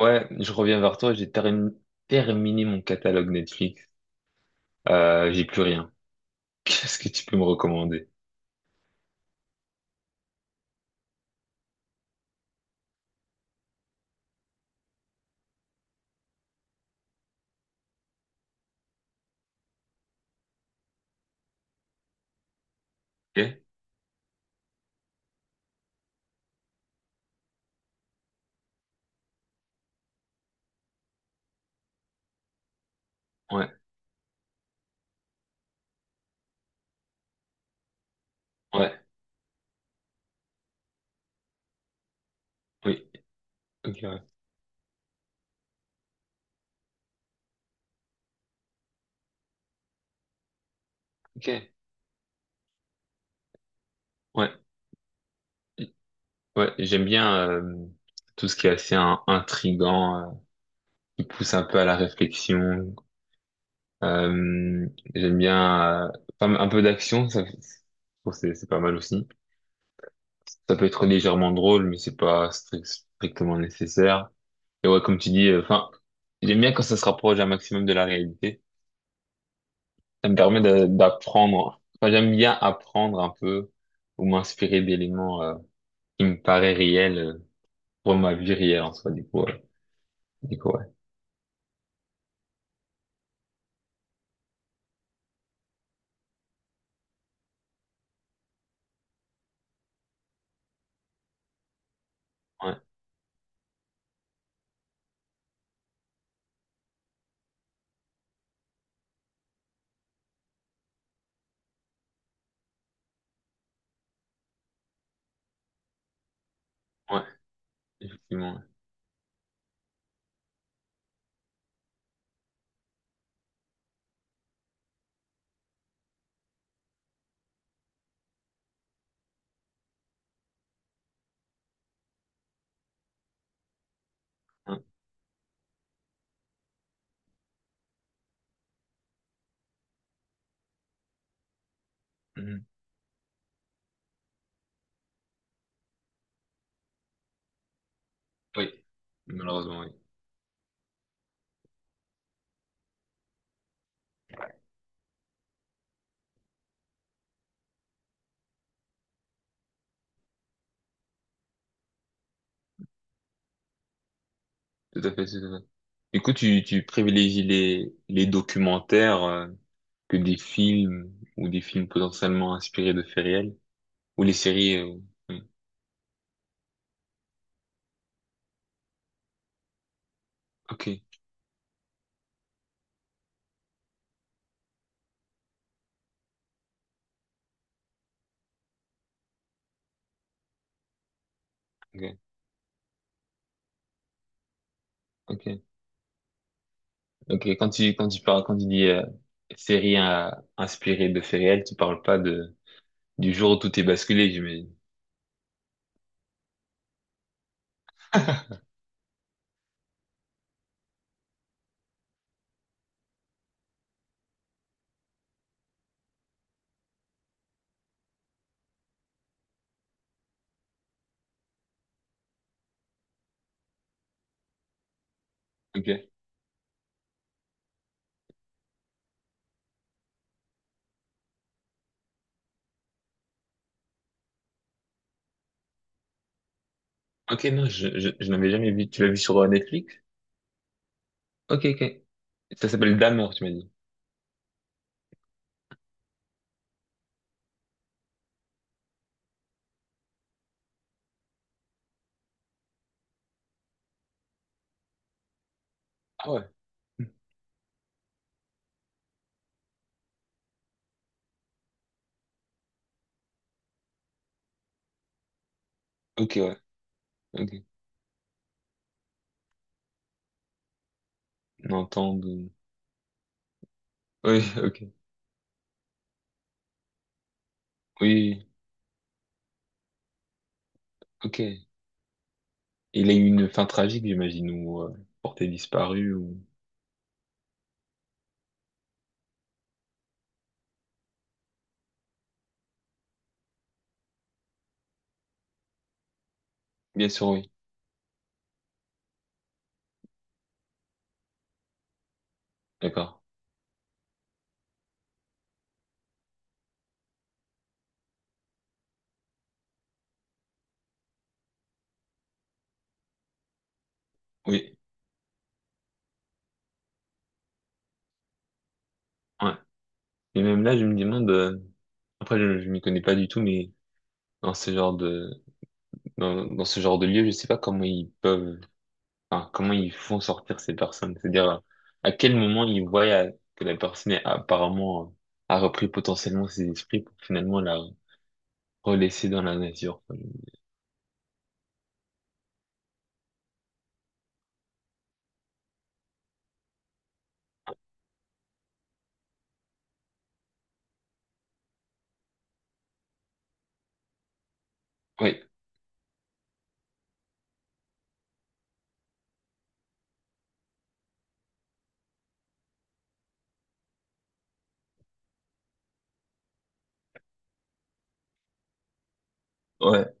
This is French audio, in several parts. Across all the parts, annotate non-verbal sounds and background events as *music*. Ouais, je reviens vers toi, terminé mon catalogue Netflix. J'ai plus rien. *laughs* Qu'est-ce que tu peux me recommander? Ok? Ouais, ouais, oui. Ok, ouais. Ok. Ouais, ouais, j'aime bien tout ce qui est assez intriguant, qui pousse un peu à la réflexion. Euh, J'aime bien pas mal- un peu d'action, ça, je trouve que c'est pas mal aussi. Ça peut être légèrement drôle, mais c'est pas strict- strictement nécessaire. Et ouais, comme tu dis, enfin, j'aime bien quand ça se rapproche un maximum de la réalité. Ça me permet d'apprendre. Enfin, j'aime bien apprendre un peu ou m'inspirer d'éléments qui me paraissent réels pour ma vie réelle en soi. Du coup, ouais. Du coup, ouais. Ouais, ouais, effectivement. Ouais. Ouais. Mhm. Oui, malheureusement, oui. Tout à fait, tout à fait. Du coup, tu privilégies les documentaires que des films ou des films potentiellement inspirés de faits réels ou les séries. Euh, hmm. Ok, ok, ok. Ok, quand tu parles, quand tu dis série inspirée de faits réels, tu parles pas de, du jour où tout est basculé, j'imagine. Ok. Ok, non, je n'avais jamais vu. Tu l'as vu sur Netflix? Ok, ok. Ça s'appelle D'amour, tu m'as dit. Ah ouais. Ok, ouais. Ok. N'entends de- Oui, ok. Oui, ok. Il a eu une fin tragique, j'imagine, ou porté disparu, ou... Bien sûr, oui. D'accord. Oui. Ouais. Et même là, je me demande... après, je m'y connais pas du tout, mais dans ce genre de dans, dans ce genre de lieu, je sais pas comment ils peuvent, enfin, comment ils font sortir ces personnes. C'est-à-dire, à quel moment ils voient que la personne est apparemment, a repris potentiellement ses esprits pour finalement la relaisser dans la nature. Oui, ouais,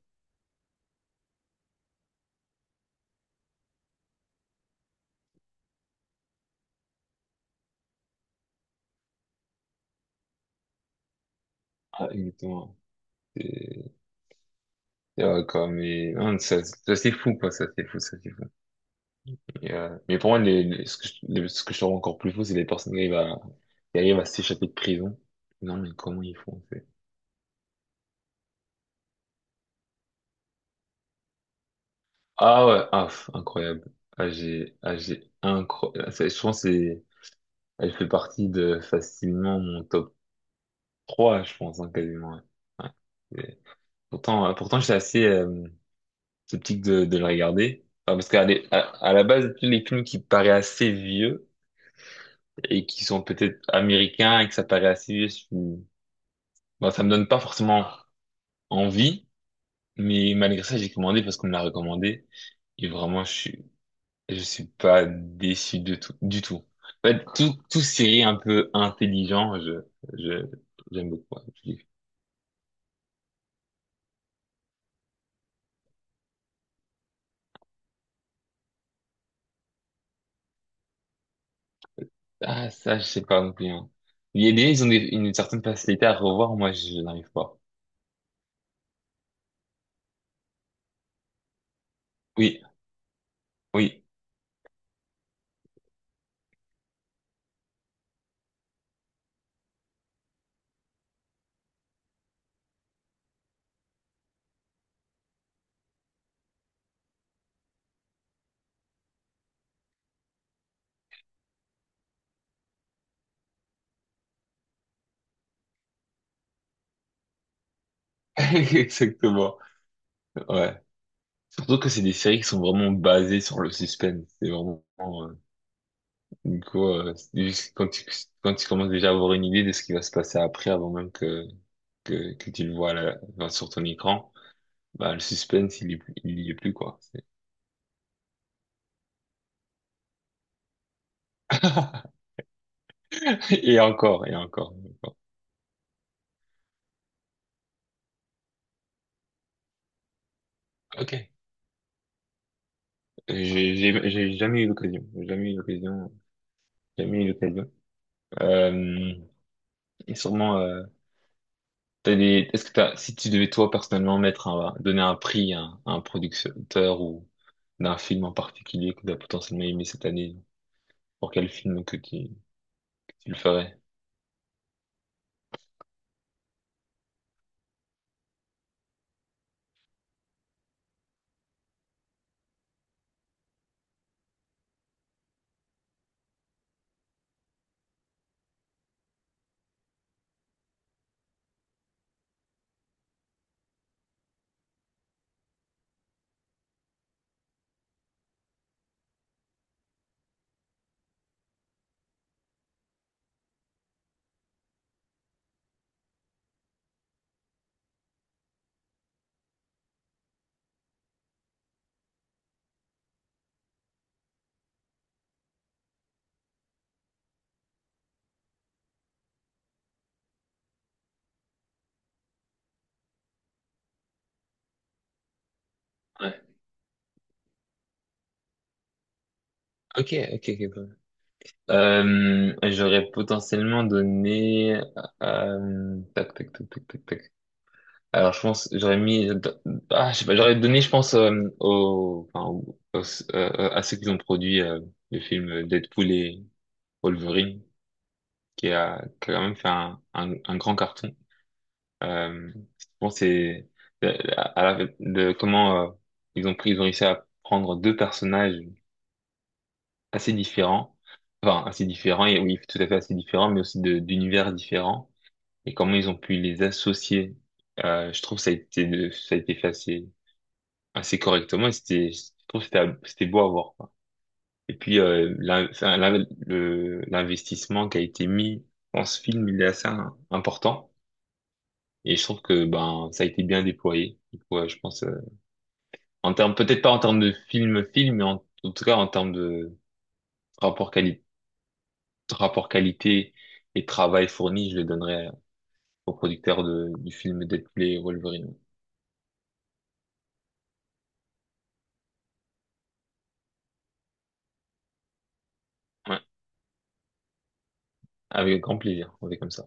ah, exactement. C'est c'est vrai, quoi, mais non, ça c'est fou, quoi, ça c'est fou, ça c'est fou. Et, mais pour moi, ce que je, ce que je trouve encore plus fou, c'est les personnes qui arrivent à s'échapper de prison. Non, mais comment ils font? Ah ouais, ah, pff, incroyable. J'ai incroyable. Je pense que c'est, elle fait partie de facilement mon top 3, je pense, hein, quasiment. Ouais. Ouais. Et pourtant, pourtant, j'étais assez sceptique de la regarder. Enfin, parce à la base, tous les films qui paraissent assez vieux et qui sont peut-être américains et que ça paraît assez vieux, bon, ça me donne pas forcément envie. Mais malgré ça, j'ai commandé parce qu'on me l'a recommandé. Et vraiment, je suis pas déçu de tout, du tout. En fait, tout, tout série un peu intelligent, je, j'aime beaucoup. Hein. Je dis, ah, ça, je sais pas non plus. Hein. Il y a des gens, ils ont une certaine facilité à revoir. Moi, je n'arrive pas. Oui, oui. *laughs* Exactement. Ouais. Surtout que c'est des séries qui sont vraiment basées sur le suspense. C'est vraiment, du coup, c'est juste quand tu commences déjà à avoir une idée de ce qui va se passer après, avant même que tu le vois là, sur ton écran. Bah, le suspense, il y est plus, quoi. C'est- *laughs* Et encore, et encore, et encore. Ok. J'ai jamais eu l'occasion. J'ai jamais eu l'occasion. Jamais eu l'occasion. Euh, et sûrement, t'as des, est-ce que t'as, si tu devais toi personnellement mettre un, donner un prix à un producteur ou d'un film en particulier que tu as potentiellement aimé cette année, pour quel film que tu le ferais? Ouais. Ok, ok, ok. Cool. J'aurais potentiellement donné, tac, tac, tac, tac, tac, tac. Alors, je pense, j'aurais mis, ah, je sais pas, j'aurais donné, je pense, au, enfin, à ceux qui ont produit le film Deadpool et Wolverine, qui a quand même fait un grand carton. Euh, je pense que c'est euh, à la, de comment ils ont pris, ils ont réussi à prendre deux personnages assez différents, enfin assez différents et oui, tout à fait assez différents, mais aussi de d'univers différents et comment ils ont pu les associer. Je trouve que ça a été, ça a été fait assez correctement et c'était je trouve que c'était beau à voir quoi. Et puis l'investissement qui a été mis dans ce film il est assez important et je trouve que ben ça a été bien déployé. Du coup, ouais, je pense en termes peut-être pas en termes de film film mais en, en tout cas en termes de rapport qualité rapport qualité et travail fourni je le donnerais au producteur de, du film Deadpool et Wolverine. Ouais, avec grand plaisir on fait comme ça.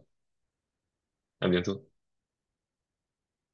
À bientôt